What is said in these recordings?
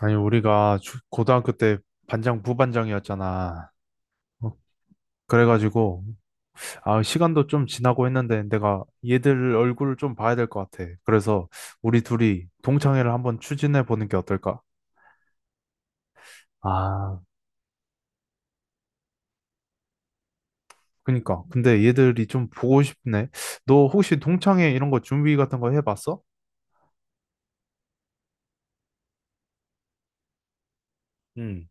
아니, 우리가 고등학교 때 반장, 부반장이었잖아. 어, 그래가지고, 아, 시간도 좀 지나고 했는데, 내가 얘들 얼굴을 좀 봐야 될 것 같아. 그래서, 우리 둘이 동창회를 한번 추진해 보는 게 어떨까? 아, 그니까. 근데 얘들이 좀 보고 싶네. 너 혹시 동창회 이런 거 준비 같은 거 해봤어? 응.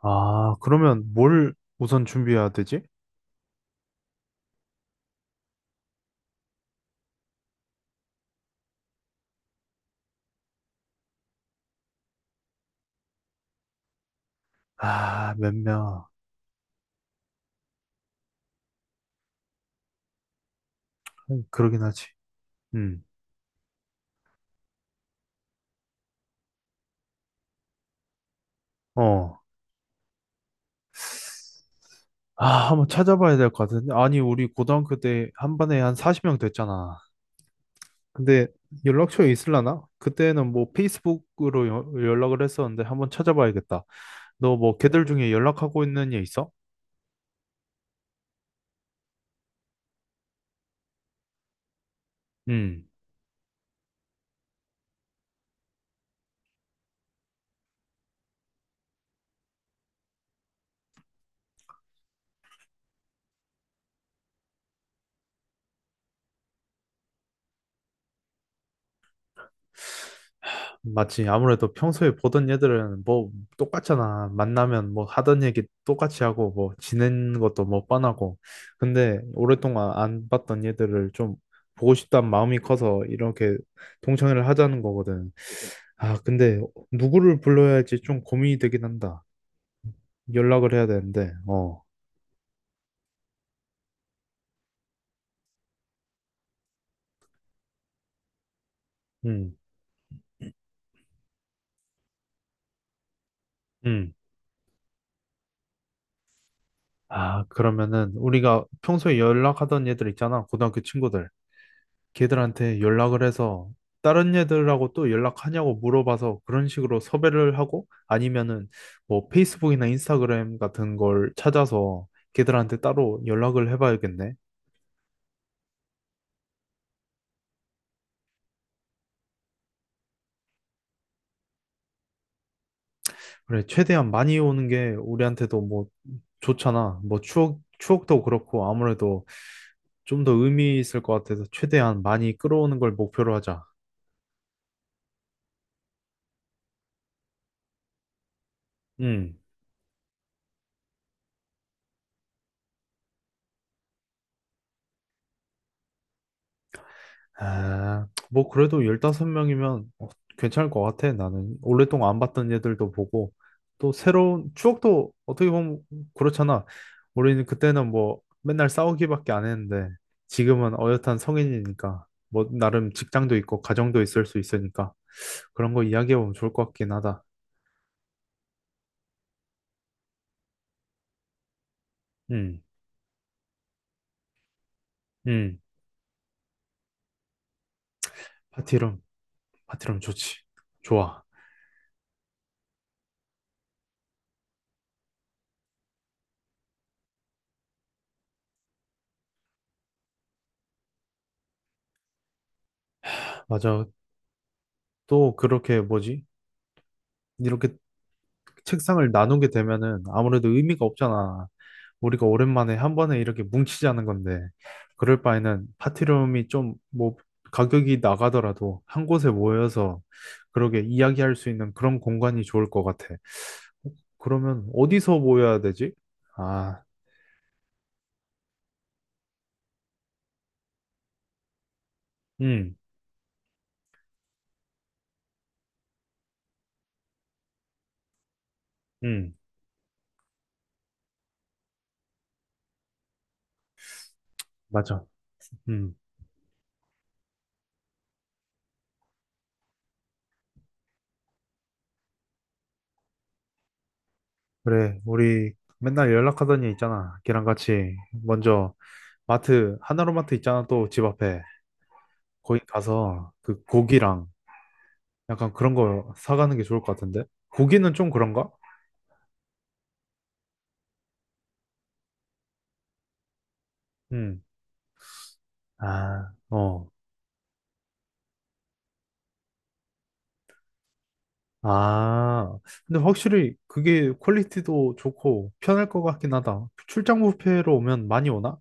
아, 그러면 뭘 우선 준비해야 되지? 아, 몇 명. 그러긴 하지. 응. 어. 아, 한번 찾아봐야 될 것 같은데. 아니, 우리 고등학교 때 한 반에 한 40명 됐잖아. 근데 연락처에 있을라나? 그때는 뭐 페이스북으로 연락을 했었는데 한번 찾아봐야겠다. 너 뭐 걔들 중에 연락하고 있는 애 있어? 응. 맞지. 아무래도 평소에 보던 애들은 뭐 똑같잖아. 만나면 뭐 하던 얘기 똑같이 하고 뭐 지낸 것도 뭐 뻔하고. 근데 오랫동안 안 봤던 애들을 좀 보고 싶다는 마음이 커서 이렇게 동창회를 하자는 거거든. 아, 근데 누구를 불러야 할지 좀 고민이 되긴 한다. 연락을 해야 되는데. 어. 음. 음. 아, 그러면은 우리가 평소에 연락하던 애들 있잖아. 고등학교 친구들. 걔들한테 연락을 해서 다른 애들하고 또 연락하냐고 물어봐서 그런 식으로 섭외를 하고 아니면은 뭐 페이스북이나 인스타그램 같은 걸 찾아서 걔들한테 따로 연락을 해봐야겠네. 그래, 최대한 많이 오는 게 우리한테도 뭐 좋잖아. 뭐 추억도 그렇고 아무래도 좀 더 의미 있을 것 같아서 최대한 많이 끌어오는 걸 목표로 하자. 음. 아, 뭐 그래도 15명이면 괜찮을 것 같아. 나는 오랫동안 안 봤던 애들도 보고 또 새로운 추억도 어떻게 보면 그렇잖아. 우리는 그때는 뭐 맨날 싸우기밖에 안 했는데 지금은 어엿한 성인이니까 뭐 나름 직장도 있고 가정도 있을 수 있으니까 그런 거 이야기해보면 좋을 것 같긴 하다. 음, 음, 파티룸, 파티룸 좋지. 좋아. 맞아. 또 그렇게 뭐지? 이렇게 책상을 나누게 되면은 아무래도 의미가 없잖아. 우리가 오랜만에 한 번에 이렇게 뭉치자는 건데, 그럴 바에는 파티룸이 좀, 뭐, 가격이 나가더라도 한 곳에 모여서 그러게 이야기할 수 있는 그런 공간이 좋을 것 같아. 그러면 어디서 모여야 되지? 아, 음, 음, 맞아. 음, 그래. 우리 맨날 연락하던 애 있잖아. 걔랑 같이 먼저 마트, 하나로마트 있잖아. 또 집 앞에. 거기 가서 그 고기랑 약간 그런 거 사가는 게 좋을 것 같은데? 고기는 좀 그런가? 음. 아, 어. 아, 근데 확실히 그게 퀄리티도 좋고 편할 것 같긴 하다. 출장 뷔페로 오면 많이 오나?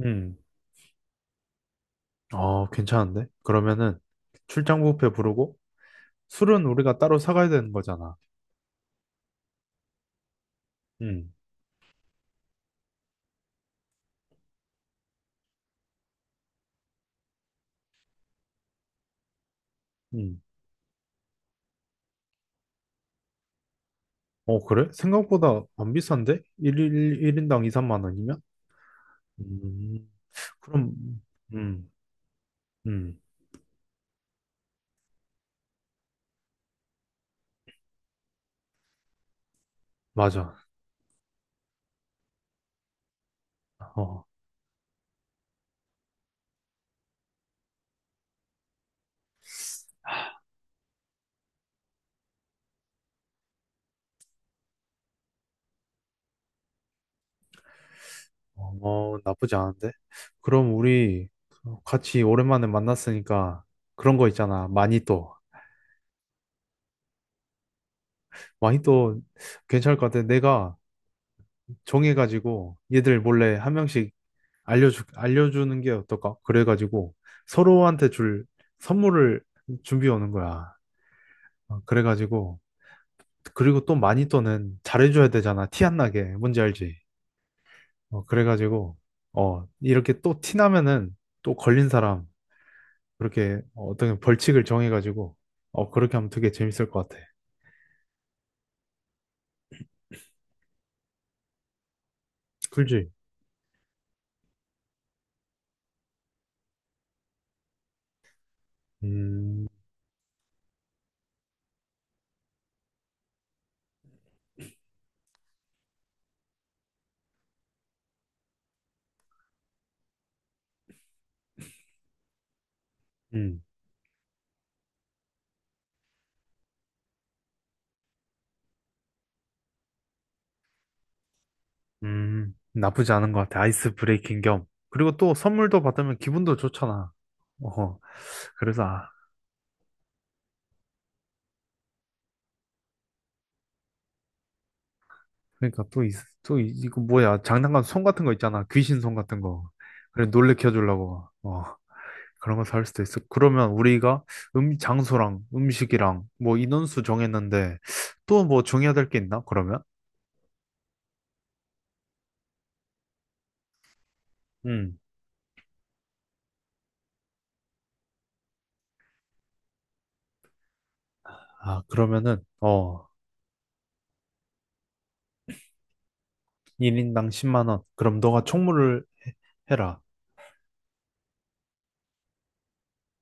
음. 어, 괜찮은데? 그러면은 출장 뷔페 부르고 술은 우리가 따로 사가야 되는 거잖아. 음. 음. 어, 그래? 생각보다 안 비싼데? 1일, 일인당 2, 3만 원이면? 음. 그럼, 음, 음, 맞아. 어. 어, 나쁘지 않은데? 그럼 우리 같이 오랜만에 만났으니까 그런 거 있잖아. 마니또. 마니또 괜찮을 것 같아. 내가 정해가지고 얘들 몰래 한 명씩 알려주는 게 어떨까? 그래가지고 서로한테 줄 선물을 준비해 오는 거야. 어, 그래가지고. 그리고 또 마니또는 잘해줘야 되잖아. 티 안 나게. 뭔지 알지? 어, 그래가지고. 어, 이렇게 또 티 나면은 또 걸린 사람. 그렇게 어떤 벌칙을 정해가지고 그렇게 하면 되게 재밌을 것 같아. 꿀지 음, 음, 나쁘지 않은 것 같아. 아이스 브레이킹 겸. 그리고 또 선물도 받으면 기분도 좋잖아. 어, 그래서 아, 그러니까 또, 이, 또 이거 뭐야 장난감 손 같은 거 있잖아. 귀신 손 같은 거. 그래 놀래켜 주려고. 어, 그런 거 살 수도 있어. 그러면 우리가 장소랑 음식이랑 뭐 인원수 정했는데 또 뭐 정해야 될 게 있나? 그러면? 음. 아, 그러면은, 1인당 10만 원. 그럼 너가 총무를 해라.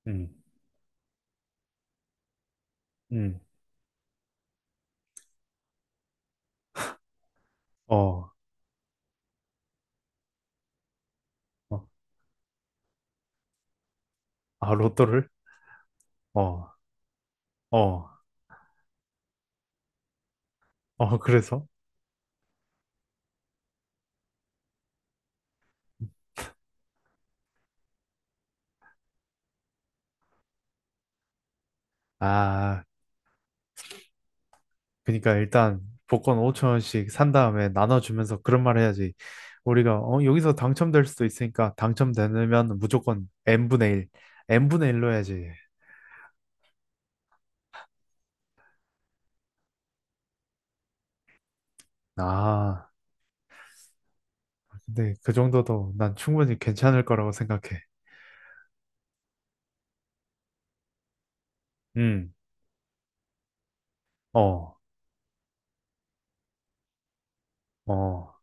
음, 음, 어, 어. 아, 로또를? 어, 어, 어, 그래서? 아, 그러니까 일단 복권 5천 원씩 산 다음에 나눠주면서 그런 말 해야지. 우리가 여기서 당첨될 수도 있으니까 당첨되면 무조건 n분의 1, n분의 1로 해야지. 아, 근데 그 정도도 난 충분히 괜찮을 거라고 생각해. 음, 어, 어.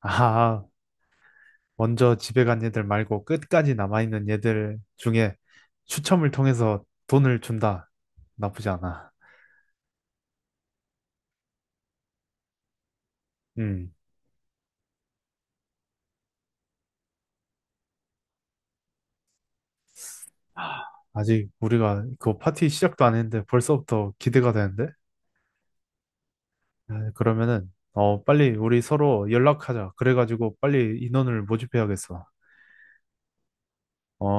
아, 먼저 집에 간 얘들 말고 끝까지 남아있는 얘들 중에 추첨을 통해서 돈을 준다. 나쁘지 않아. 음. 아, 아직 우리가 그 파티 시작도 안 했는데 벌써부터 기대가 되는데? 아, 그러면은 빨리 우리 서로 연락하자. 그래가지고 빨리 인원을 모집해야겠어. 어.